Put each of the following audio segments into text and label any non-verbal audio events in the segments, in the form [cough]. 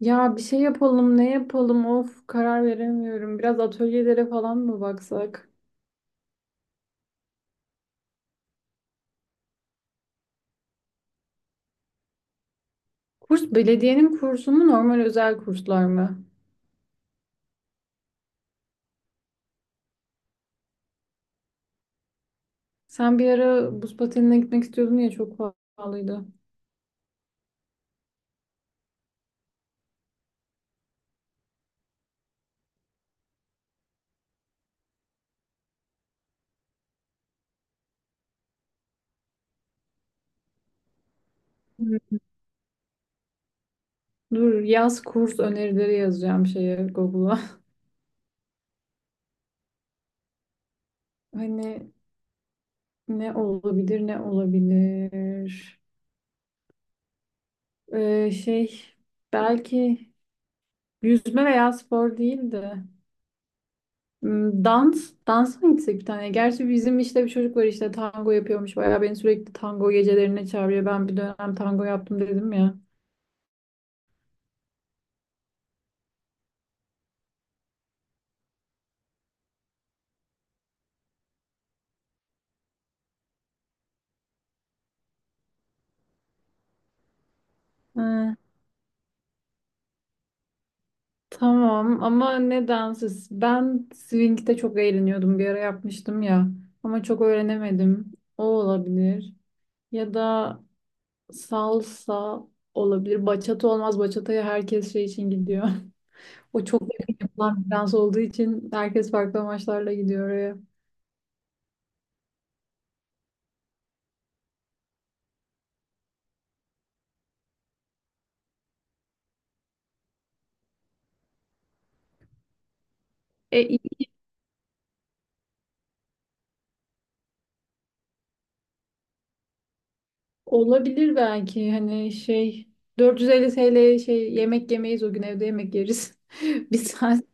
Ya bir şey yapalım, ne yapalım? Of, karar veremiyorum. Biraz atölyelere falan mı baksak? Kurs belediyenin kursu mu, normal özel kurslar mı? Sen bir ara buz patenine gitmek istiyordun ya çok pahalıydı. Hmm. Dur, yaz kurs önerileri yazacağım şeye Google'a. [laughs] Hani ne olabilir, ne olabilir? Şey belki yüzme veya spor değil de. Hmm, dans, dansa mı gitsek bir tane? Gerçi bizim işte bir çocuk var işte tango yapıyormuş. Bayağı beni sürekli tango gecelerine çağırıyor. Ben bir dönem tango yaptım dedim ya. Ha, tamam ama ne dansı? Ben swing'de çok eğleniyordum. Bir ara yapmıştım ya. Ama çok öğrenemedim. O olabilir. Ya da salsa olabilir. Bachata olmaz. Bachata'ya herkes şey için gidiyor. [laughs] O çok yakın yapılan bir dans olduğu için herkes farklı amaçlarla gidiyor oraya. E, Olabilir belki hani şey 450 TL, şey, yemek yemeyiz o gün, evde yemek yeriz. [laughs] Bir saat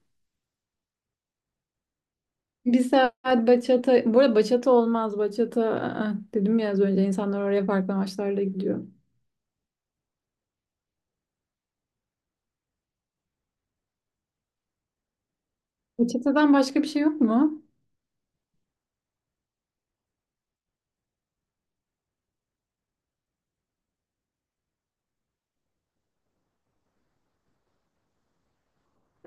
bir saat bachata, bu arada bachata olmaz, bachata, aa, dedim ya az önce, insanlar oraya farklı amaçlarla gidiyor. Bachata'dan başka bir şey yok mu?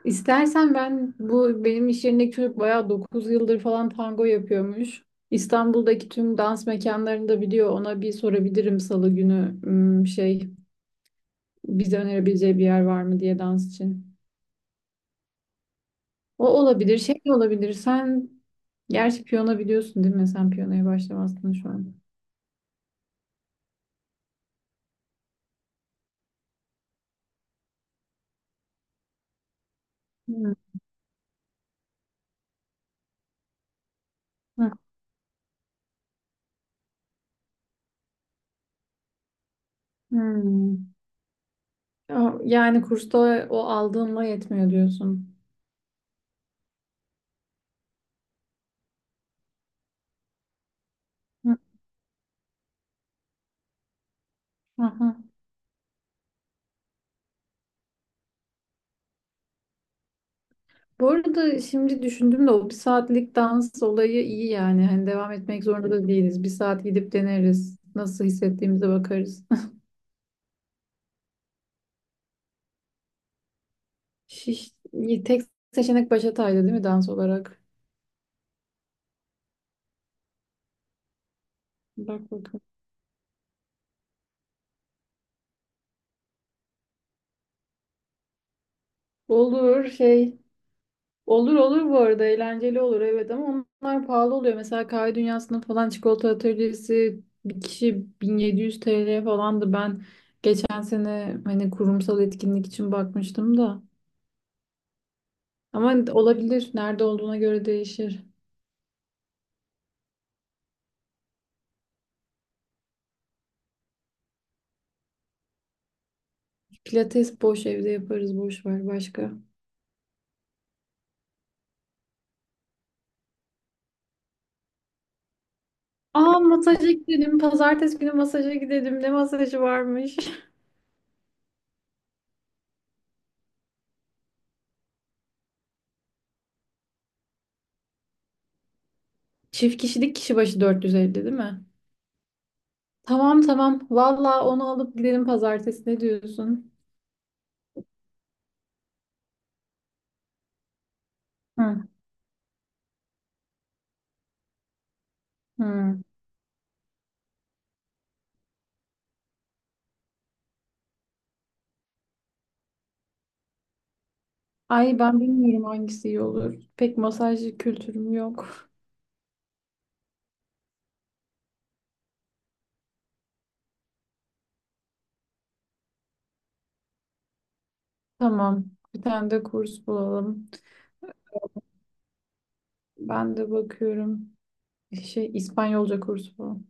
İstersen ben, bu benim iş yerindeki çocuk bayağı 9 yıldır falan tango yapıyormuş. İstanbul'daki tüm dans mekanlarını da biliyor. Ona bir sorabilirim salı günü, bize önerebileceği bir yer var mı diye dans için. O olabilir, şey de olabilir. Sen gerçi piyano biliyorsun değil mi? Sen piyanoya başlamazsın şu an. Hmm. Hı. Hmm. Yani kursta o aldığınla yetmiyor diyorsun. Hı. Hı. Bu arada şimdi düşündüm de o bir saatlik dans olayı iyi yani. Hani devam etmek zorunda da değiliz. Bir saat gidip deneriz. Nasıl hissettiğimize bakarız. [laughs] Şiş, tek seçenek Başatay'dı değil mi dans olarak? Bak bakalım. Olur şey Olur, olur, bu arada eğlenceli olur. Evet, ama onlar pahalı oluyor. Mesela kahve dünyasında falan çikolata atölyesi bir kişi 1700 TL falandı. Ben geçen sene hani kurumsal etkinlik için bakmıştım da. Ama olabilir. Nerede olduğuna göre değişir. Pilates boş, evde yaparız, boş ver başka. Aa, masaja gidelim. Pazartesi günü masaja gidelim. Ne masajı varmış? [laughs] Çift kişilik kişi başı 450 değil mi? Tamam, tamam. Valla onu alıp gidelim pazartesi. Ne diyorsun? Hı. Hmm. Ay, ben bilmiyorum hangisi iyi olur. Pek masaj kültürüm yok. [laughs] Tamam. Bir tane de kurs bulalım. Ben de bakıyorum. Şey, İspanyolca kursu bu.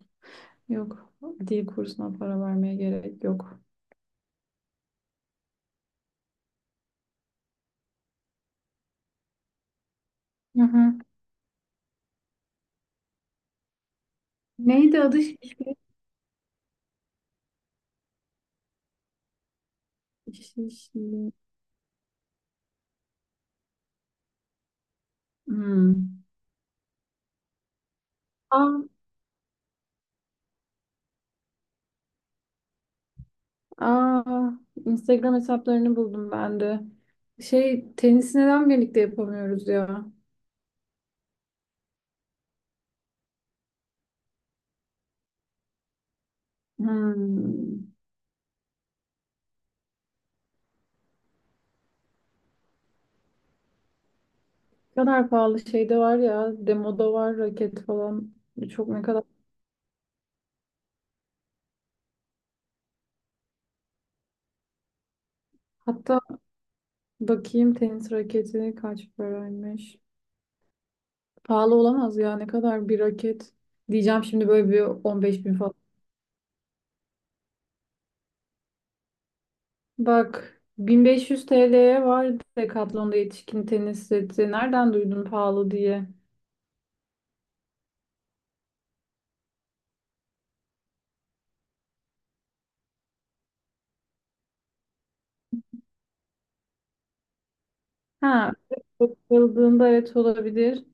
Yok. Dil kursuna para vermeye gerek yok. Hı hı. Neydi adı? Şiş- Hmm. Aa, aa, Instagram hesaplarını buldum ben de. Şey tenisi neden birlikte yapamıyoruz ya? Hmm. Ne kadar pahalı şey de var ya. Demoda var raket falan. Çok, ne kadar. Hatta bakayım tenis raketi kaç paraymış. Pahalı olamaz ya, ne kadar bir raket. Diyeceğim şimdi, böyle bir 15 bin falan. Bak, 1500 TL'ye var Decathlon'da yetişkin tenis seti. Nereden duydun pahalı diye? Ha, bakıldığında evet olabilir.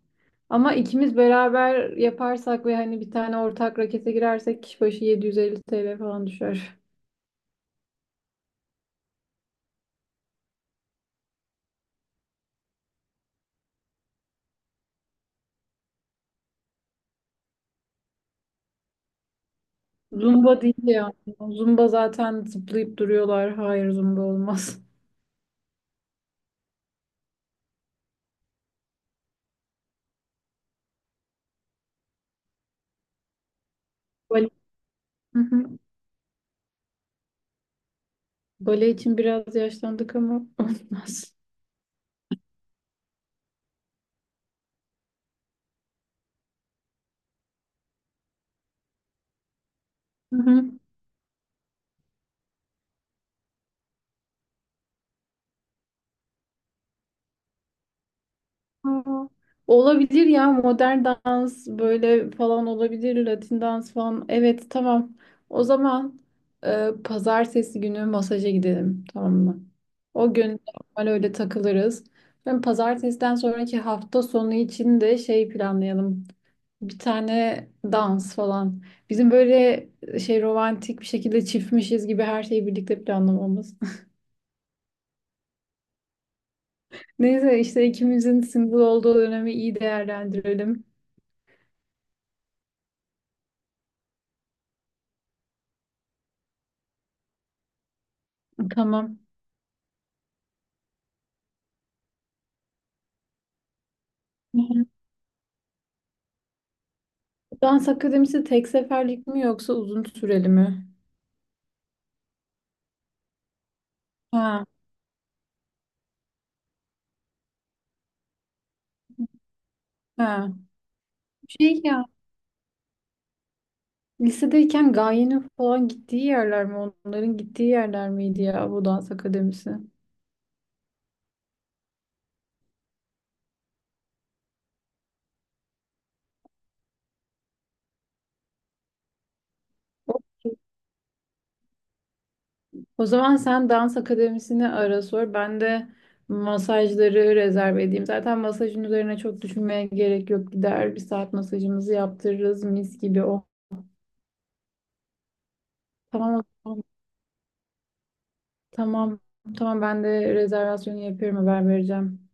Ama ikimiz beraber yaparsak ve hani bir tane ortak rakete girersek kişi başı 750 TL falan düşer. Zumba değil yani. Zumba zaten zıplayıp duruyorlar. Hayır, zumba olmaz. Bale. Hı hı. Bale için biraz yaşlandık ama [laughs] olmaz. Hı hı. Aa, olabilir ya, modern dans böyle falan olabilir. Latin dans falan. Evet, tamam. O zaman pazartesi günü masaja gidelim. Tamam mı? O gün normal öyle takılırız. Ben, pazartesiden sonraki hafta sonu için de şey planlayalım. Bir tane dans falan. Bizim böyle romantik bir şekilde çiftmişiz gibi her şeyi birlikte planlamamız. [laughs] Neyse işte ikimizin single olduğu dönemi iyi değerlendirelim. Tamam. [laughs] Dans akademisi tek seferlik mi yoksa uzun süreli mi? Ha, ha. Şey ya, lisedeyken Gaye'nin falan gittiği yerler mi? Onların gittiği yerler miydi ya bu dans akademisi? O zaman sen dans akademisini ara sor. Ben de masajları rezerv edeyim. Zaten masajın üzerine çok düşünmeye gerek yok. Gider bir saat masajımızı yaptırırız mis gibi. Oh, tamam o zaman. Tamam, tamam, ben de rezervasyonu yapıyorum, haber vereceğim.